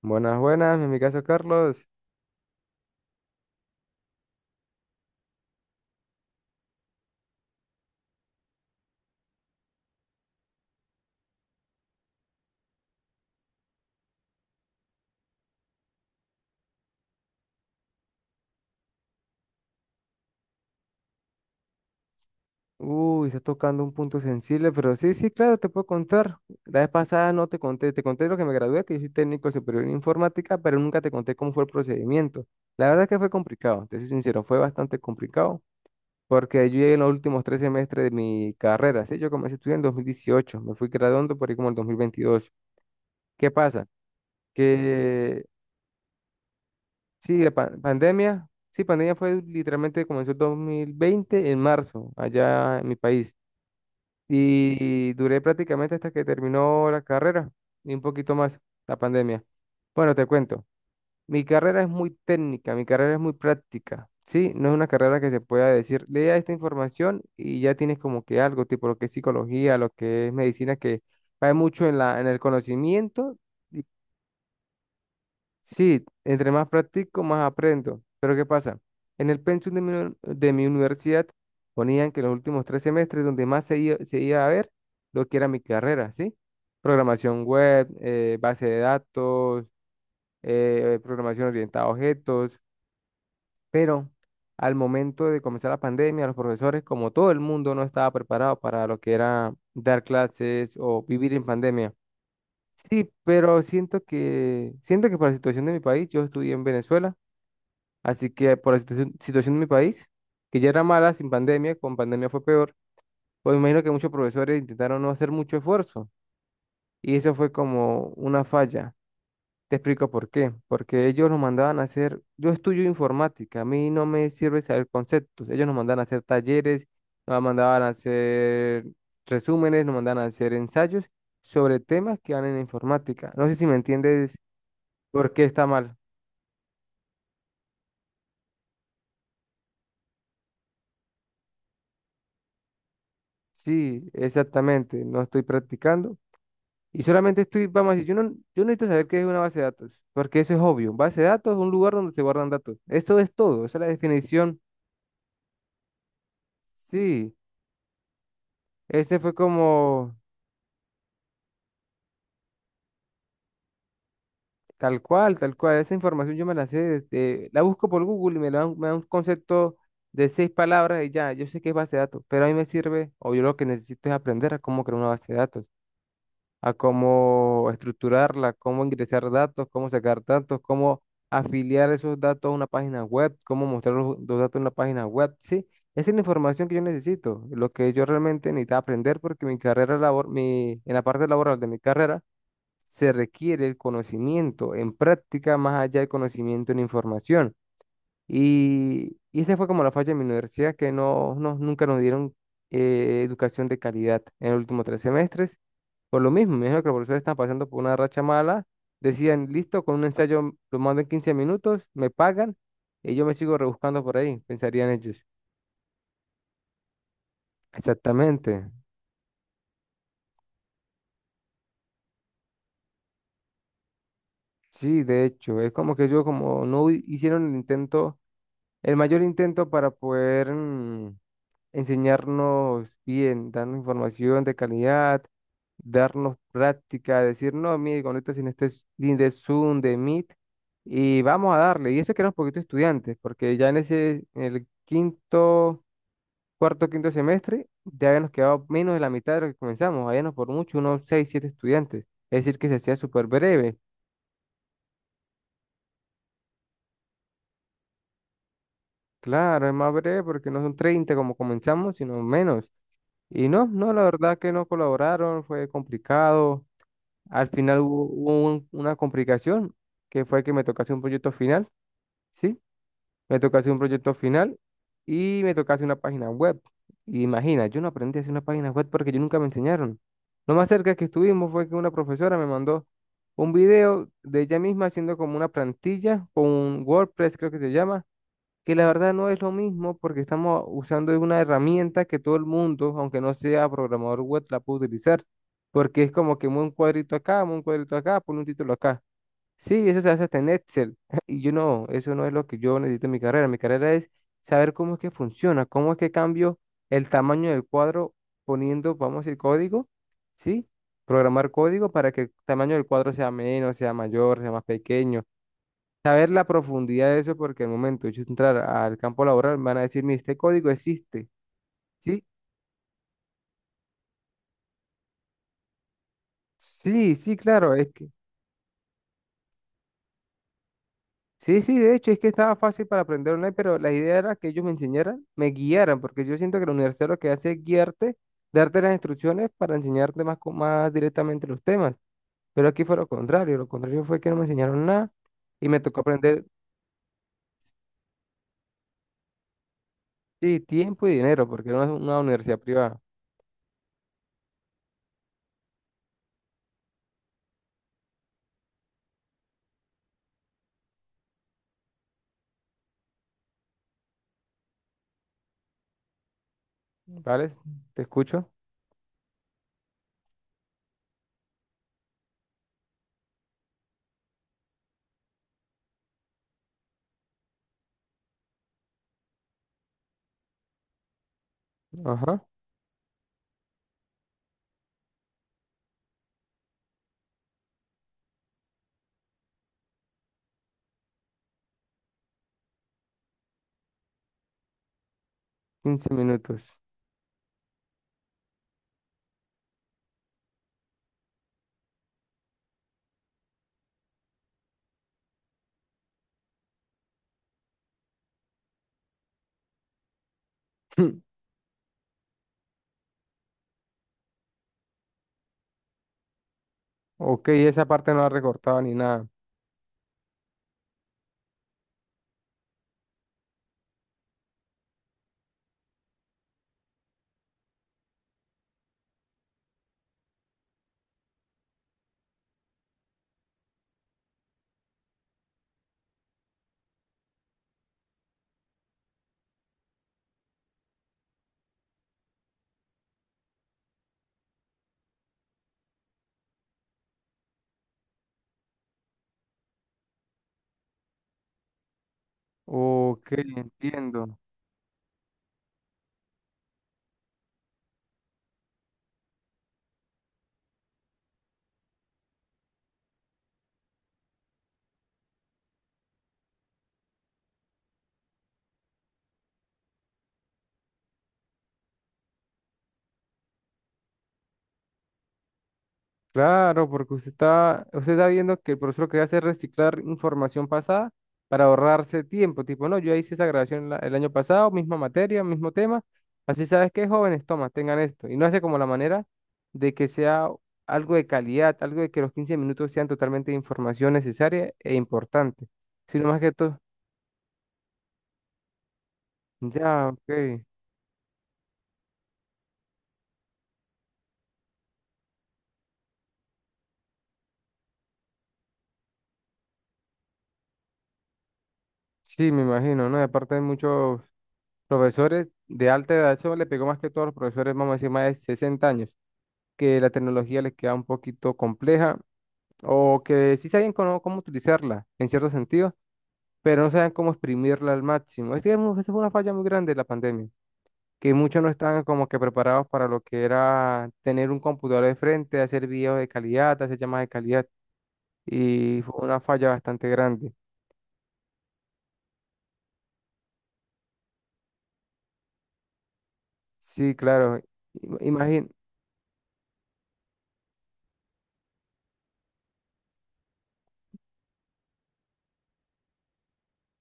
Buenas, buenas, en mi caso Carlos. Uy, está tocando un punto sensible, pero sí, sí, claro, te puedo contar. La vez pasada no te conté, te conté lo que me gradué, que yo soy técnico superior en informática, pero nunca te conté cómo fue el procedimiento. La verdad es que fue complicado, te soy sincero, fue bastante complicado, porque yo llegué en los últimos tres semestres de mi carrera, ¿sí? Yo comencé a estudiar en 2018, me fui graduando por ahí como el 2022. ¿Qué pasa? Que sí, la pandemia, sí, pandemia fue literalmente, comenzó el 2020 en marzo, allá en mi país. Y duré prácticamente hasta que terminó la carrera, y un poquito más, la pandemia. Bueno, te cuento, mi carrera es muy técnica, mi carrera es muy práctica, ¿sí? No es una carrera que se pueda decir, lea esta información y ya tienes como que algo, tipo lo que es psicología, lo que es medicina, que va mucho en el conocimiento. Sí, entre más practico, más aprendo. Pero ¿qué pasa? En el pensum de mi universidad ponían que los últimos tres semestres donde más se iba a ver lo que era mi carrera, ¿sí? Programación web, base de datos, programación orientada a objetos. Pero al momento de comenzar la pandemia, los profesores, como todo el mundo, no estaba preparado para lo que era dar clases o vivir en pandemia. Sí, pero siento que por la situación de mi país, yo estudié en Venezuela. Así que por la situación en mi país, que ya era mala sin pandemia, con pandemia fue peor, pues me imagino que muchos profesores intentaron no hacer mucho esfuerzo, y eso fue como una falla. Te explico por qué. Porque ellos nos mandaban a hacer, yo estudio informática, a mí no me sirve saber conceptos, ellos nos mandaban a hacer talleres, nos mandaban a hacer resúmenes, nos mandaban a hacer ensayos sobre temas que van en informática. No sé si me entiendes por qué está mal. Sí, exactamente, no estoy practicando. Y solamente estoy, vamos a decir, yo no necesito saber qué es una base de datos, porque eso es obvio. Base de datos es un lugar donde se guardan datos. Eso es todo, esa es la definición. Sí, ese fue como tal cual, tal cual. Esa información yo me la sé, la busco por Google y me da un concepto de seis palabras y ya, yo sé qué es base de datos, pero a mí me sirve, o yo lo que necesito es aprender a cómo crear una base de datos. A cómo estructurarla, cómo ingresar datos, cómo sacar datos, cómo afiliar esos datos a una página web, cómo mostrar los datos en una página web, sí. Esa es la información que yo necesito, lo que yo realmente necesitaba aprender porque mi carrera labor, mi, en la parte laboral de mi carrera se requiere el conocimiento en práctica más allá del conocimiento en información. Y esa fue como la falla de mi universidad, que nunca nos dieron educación de calidad en los últimos tres semestres. Por lo mismo, me dijeron que los profesores están pasando por una racha mala. Decían, listo, con un ensayo lo mando en 15 minutos, me pagan y yo me sigo rebuscando por ahí, pensarían ellos. Exactamente. Sí, de hecho, es como que yo como no hu- hicieron el intento, el mayor intento para poder... enseñarnos bien, darnos información de calidad, darnos práctica, decir, no, mire, conéctate en este link de Zoom, de Meet, y vamos a darle. Y eso que era un poquito estudiantes, porque ya en el quinto, quinto semestre, ya habíamos quedado menos de la mitad de lo que comenzamos, habíamos por mucho unos seis, siete estudiantes. Es decir, que se hacía súper breve. Claro, es más breve porque no son 30 como comenzamos, sino menos. Y no, no, la verdad que no colaboraron, fue complicado. Al final hubo una complicación, que fue que me tocase un proyecto final, ¿sí? Me tocase un proyecto final y me tocase una página web. Y imagina, yo no aprendí a hacer una página web porque yo nunca me enseñaron. Lo más cerca que estuvimos fue que una profesora me mandó un video de ella misma haciendo como una plantilla con un WordPress, creo que se llama, que la verdad no es lo mismo porque estamos usando una herramienta que todo el mundo, aunque no sea programador web, la puede utilizar, porque es como que mueve un cuadrito acá, mueve un cuadrito acá, pone un título acá. Sí, eso se hace hasta en Excel. Y yo no, eso no es lo que yo necesito en mi carrera. Mi carrera es saber cómo es que funciona, cómo es que cambio el tamaño del cuadro poniendo, vamos a decir, código, ¿sí? Programar código para que el tamaño del cuadro sea menos, sea mayor, sea más pequeño. Saber la profundidad de eso, porque al momento de yo entrar al campo laboral, me van a decir, mire, este código existe. Sí, sí, sí, claro, es que, sí, sí, de hecho, es que estaba fácil para aprender online, pero la idea era que ellos me enseñaran, me guiaran, porque yo siento que la universidad lo que hace es guiarte, darte las instrucciones para enseñarte más, más directamente los temas. Pero aquí fue lo contrario fue que no me enseñaron nada y me tocó aprender, sí, tiempo y dinero, porque era una universidad privada, ¿vale? Te escucho. Ajá, 15 minutos. Ok, esa parte no la recortaba ni nada. Ok, entiendo. Claro, porque usted está viendo que el profesor lo que hace es reciclar información pasada para ahorrarse tiempo. Tipo, no, yo hice esa grabación el año pasado, misma materia, mismo tema. Así sabes que jóvenes, toma, tengan esto. Y no hace como la manera de que sea algo de calidad, algo de que los 15 minutos sean totalmente de información necesaria e importante. Sino más que todo, ya, ok. Sí, me imagino, ¿no? Y aparte hay muchos profesores de alta edad, eso le pegó más que todos los profesores, vamos a decir, más de 60 años, que la tecnología les queda un poquito compleja o que sí saben cómo, utilizarla en cierto sentido, pero no saben cómo exprimirla al máximo. Es que esa fue una falla muy grande de la pandemia, que muchos no estaban como que preparados para lo que era tener un computador de frente, hacer videos de calidad, hacer llamadas de calidad, y fue una falla bastante grande. Sí, claro, imagínate,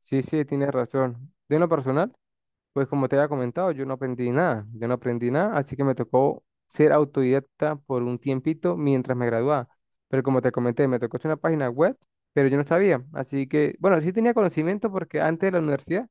sí, sí, tienes razón. De lo personal. Pues como te había comentado, yo no aprendí nada, yo no aprendí nada, así que me tocó ser autodidacta por un tiempito mientras me graduaba. Pero como te comenté, me tocó hacer una página web, pero yo no sabía. Así que, bueno, sí tenía conocimiento porque antes de la universidad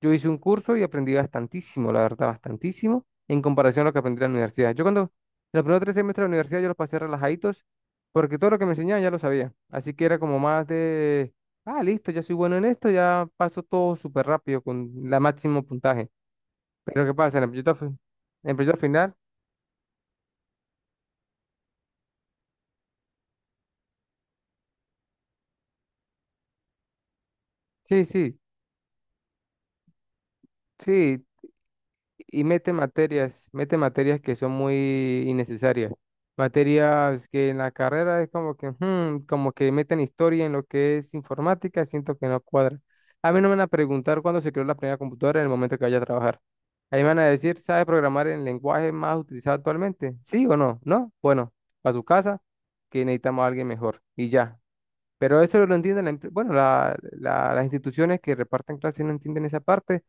yo hice un curso y aprendí bastantísimo, la verdad, bastantísimo, en comparación a lo que aprendí en la universidad. Yo cuando los primeros tres semestres de la universidad yo los pasé relajaditos porque todo lo que me enseñaban ya lo sabía. Así que era como más de, ah, listo, ya soy bueno en esto, ya paso todo súper rápido con la máximo puntaje. Pero ¿qué pasa? En el proyecto, en el proyecto final, sí, sí, sí, y mete materias que son muy innecesarias. Materias que en la carrera es como que, "Hmm", como que meten historia en lo que es informática, siento que no cuadra. A mí no me van a preguntar cuándo se creó la primera computadora en el momento que vaya a trabajar. Ahí me van a decir, ¿sabe programar el lenguaje más utilizado actualmente? ¿Sí o no? ¿No? Bueno, para tu casa, que necesitamos a alguien mejor. Y ya. Pero eso lo entienden, la bueno, las instituciones que reparten clases no entienden esa parte,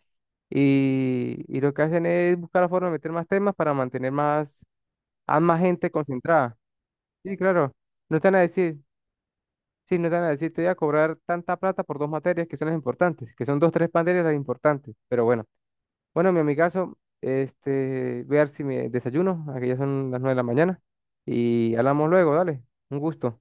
y lo que hacen es buscar la forma de meter más temas para mantener más, a más gente concentrada. Sí, claro, no están a decir, sí, no están a decir, te voy a cobrar tanta plata por dos materias que son las importantes, que son dos, tres materias las importantes, pero bueno. Bueno, mi amigazo, este, voy a ver si me desayuno, aquí ya son las 9 de la mañana y hablamos luego, dale, un gusto.